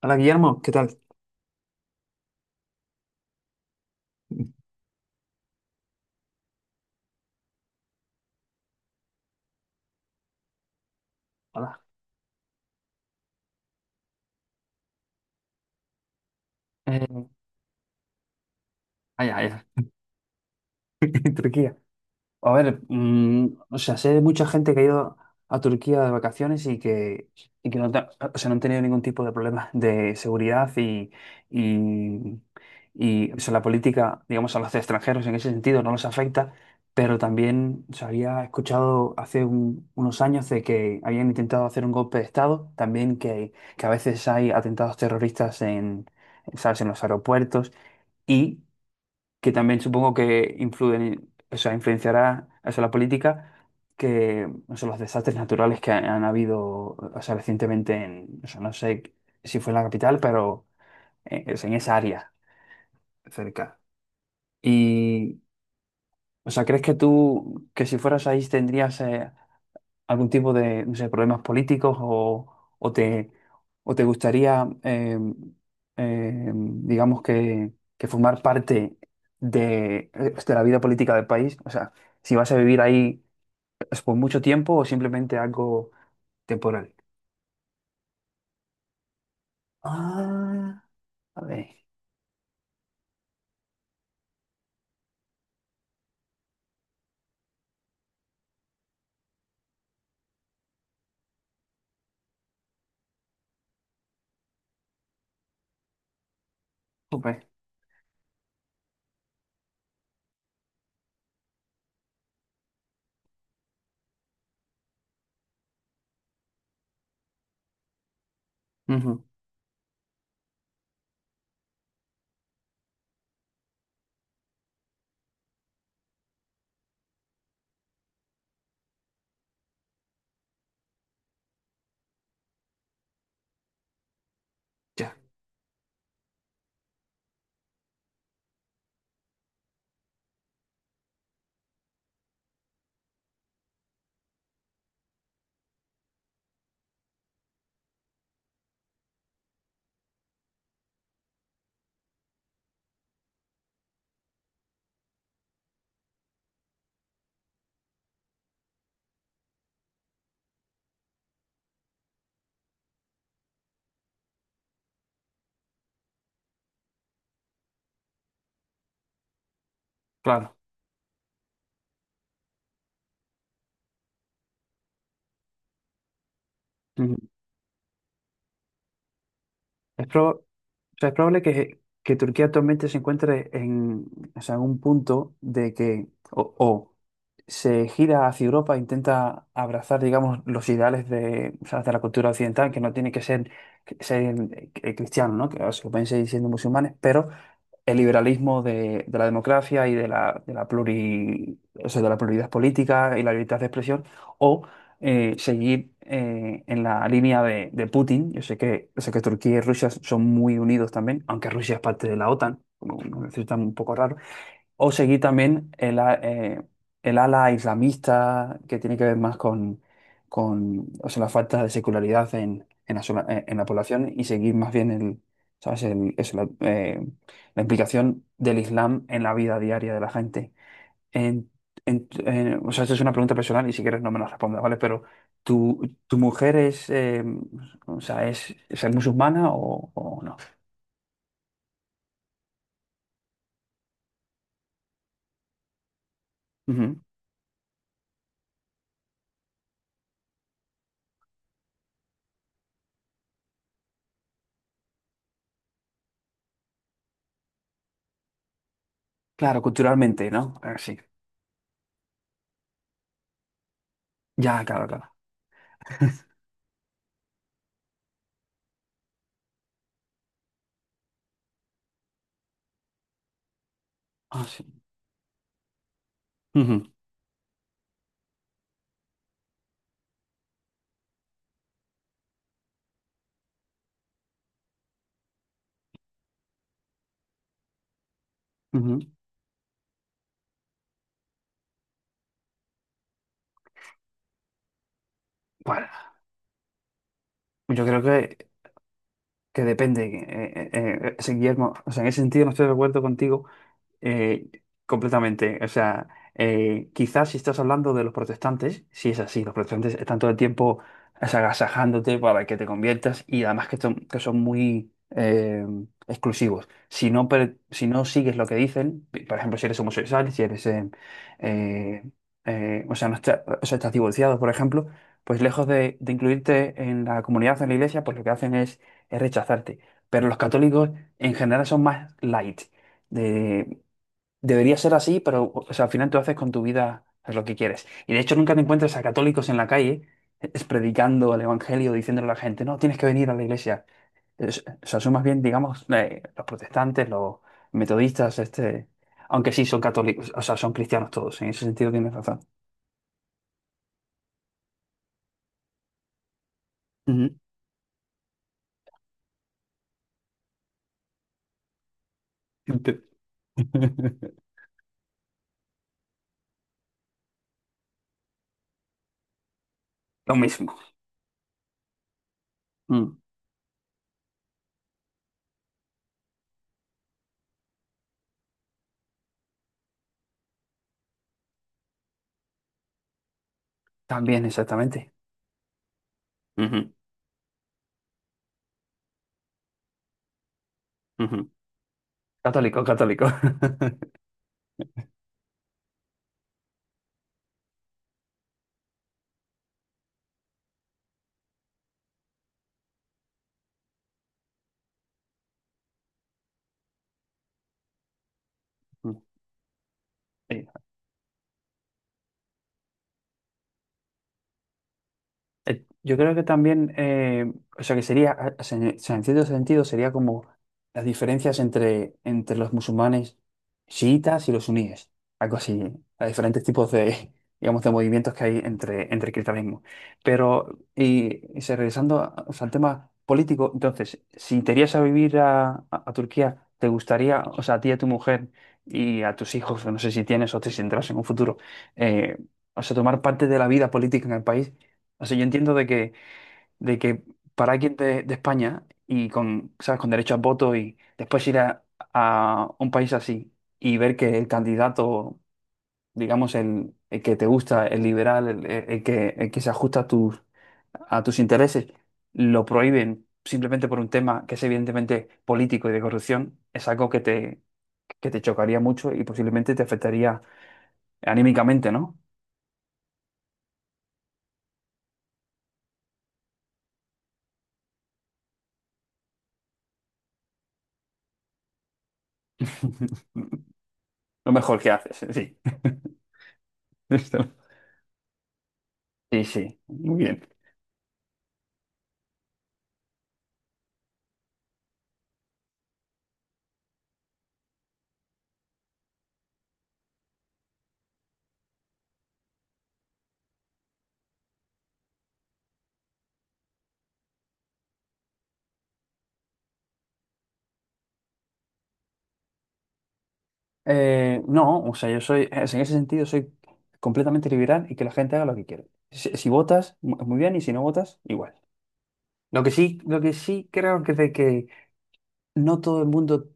Hola Guillermo, ¿qué tal? Hola. Eh, vaya, vaya, en Turquía. A ver, o sea, sé de mucha gente que ha ido a Turquía de vacaciones y que no, o sea, no han tenido ningún tipo de problema de seguridad y, y o sea, la política, digamos, a los extranjeros en ese sentido no los afecta, pero también se había escuchado hace unos años de que habían intentado hacer un golpe de Estado, también que a veces hay atentados terroristas en, ¿sabes? En los aeropuertos. Y que también supongo que o sea, influenciará eso, la política, que o sea, los desastres naturales que han habido, o sea, recientemente o sea, no sé si fue en la capital, pero o sea, en esa área cerca. Y, o sea, ¿crees que tú, que si fueras ahí, tendrías algún tipo de, no sé, problemas políticos o te, o te gustaría, digamos que formar parte de la vida política del país? O sea, si vas a vivir ahí es por mucho tiempo o simplemente algo temporal. Ah, a ver. Jope. Ujú. Ya, claro. Es, prob- o es probable que Turquía actualmente se encuentre en, o sea, en un punto de que o se gira hacia Europa e intenta abrazar, digamos, los ideales de, o sea, de la cultura occidental, que no tiene que ser, cristiano, ¿no? Que o sea, pueden seguir siendo musulmanes, pero el liberalismo de la democracia y de la pluralidad política y la libertad de expresión, o seguir en la línea de Putin. Yo sé que Turquía y Rusia son muy unidos también, aunque Rusia es parte de la OTAN, como nos resulta un poco raro o seguir también el ala islamista, que tiene que ver más con o sea, la falta de secularidad en en la población y seguir más bien el, ¿sabes? Eso, la implicación del Islam en la vida diaria de la gente. En- o sea, esta es una pregunta personal y si quieres no me la respondas, ¿vale? Pero, ¿tu, tu mujer es, o sea, es musulmana o no? Ujú. Claro, culturalmente, ¿no? Ah, sí. Ya, claro, claro. Ah, sí. Ujú, ujú. Bueno, yo creo que depende, ese Guillermo. O sea, en ese sentido no estoy de acuerdo contigo. Eh, Completamente. O sea, quizás si estás hablando de los protestantes, si es así, los protestantes están todo el tiempo agasajándote para que te conviertas y además que son muy exclusivos. Si no, si no sigues lo que dicen, por ejemplo, si eres homosexual, si eres, eh, o sea, no está- o sea, estás divorciado, por ejemplo, pues lejos de incluirte en la comunidad, en la iglesia, pues lo que hacen es rechazarte. Pero los católicos en general son más light. Debería ser así, pero o sea, al final tú haces con tu vida pues, lo que quieres. Y de hecho nunca te encuentras a católicos en la calle es predicando el evangelio, diciéndole a la gente, no, tienes que venir a la iglesia. O sea, son más bien, digamos, los protestantes, los metodistas, este, aunque sí son católicos, o sea, son cristianos todos, en ese sentido tienes razón. Ujú. Ente- Lo mismo. Mm. También, exactamente. Ujú, ujú. Católico, católico. Mm. Sí. Yo creo que también, o sea, que sería, o sea, en cierto sentido, sería como las diferencias entre, entre los musulmanes chiitas y los suníes, algo así, a diferentes tipos de, digamos, de movimientos que hay entre, entre el cristianismo. Pero, y, regresando o sea, al tema político, entonces, si te irías a vivir a, a Turquía, ¿te gustaría, o sea, a ti y a tu mujer y a tus hijos, no sé si tienes o te si tendrás en un futuro, eh, o sea, tomar parte de la vida política en el país? O sea, yo entiendo de de que para alguien de España y con, ¿sabes? Con derecho a voto y después ir a un país así y ver que el candidato, digamos, el que te gusta, el liberal, el que se ajusta a tus intereses, lo prohíben simplemente por un tema que es evidentemente político y de corrupción, es algo que te chocaría mucho y posiblemente te afectaría anímicamente, ¿no? Lo mejor que haces, sí. Listo. Sí, sí, muy bien. No, o sea, yo soy, en ese sentido soy completamente liberal y que la gente haga lo que quiere. Si, si votas, muy bien, y si no votas, igual. Lo que sí creo que de que no todo el mundo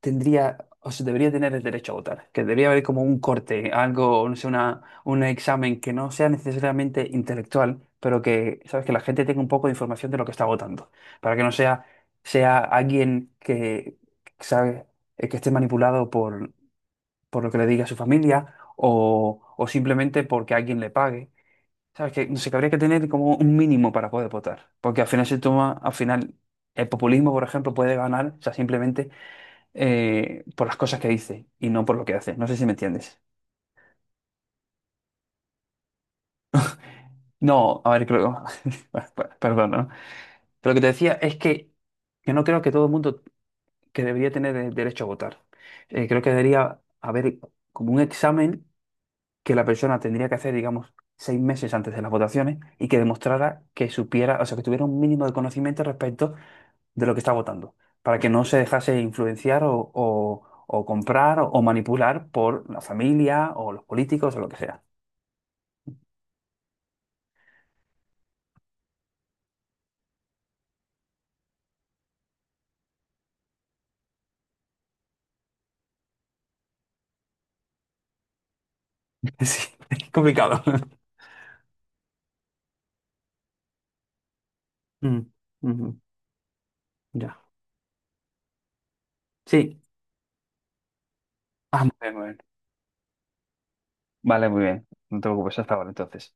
tendría, o sea, debería tener el derecho a votar, que debería haber como un corte, algo, no sé, una, un examen que no sea necesariamente intelectual, pero que, sabes, que la gente tenga un poco de información de lo que está votando, para que no sea alguien que, sabe, que esté manipulado por lo que le diga a su familia o simplemente porque alguien le pague. ¿Sabes? Que no sé, que habría que tener como un mínimo para poder votar. Porque al final se toma, al final, el populismo, por ejemplo, puede ganar, o sea, simplemente por las cosas que dice y no por lo que hace. No sé si me entiendes. No, a ver, creo. Perdón, ¿no? Pero lo que te decía es que yo no creo que todo el mundo que debería tener el derecho a votar. Creo que debería haber como un examen que la persona tendría que hacer, digamos, 6 meses antes de las votaciones y que demostrara que supiera, o sea, que tuviera un mínimo de conocimiento respecto de lo que está votando, para que no se dejase influenciar o, o comprar o manipular por la familia o los políticos o lo que sea. Sí, es complicado. Mm, ujú, ya. Sí. Ah, muy bien, muy bien. Vale, muy bien. No te preocupes, hasta ahora entonces.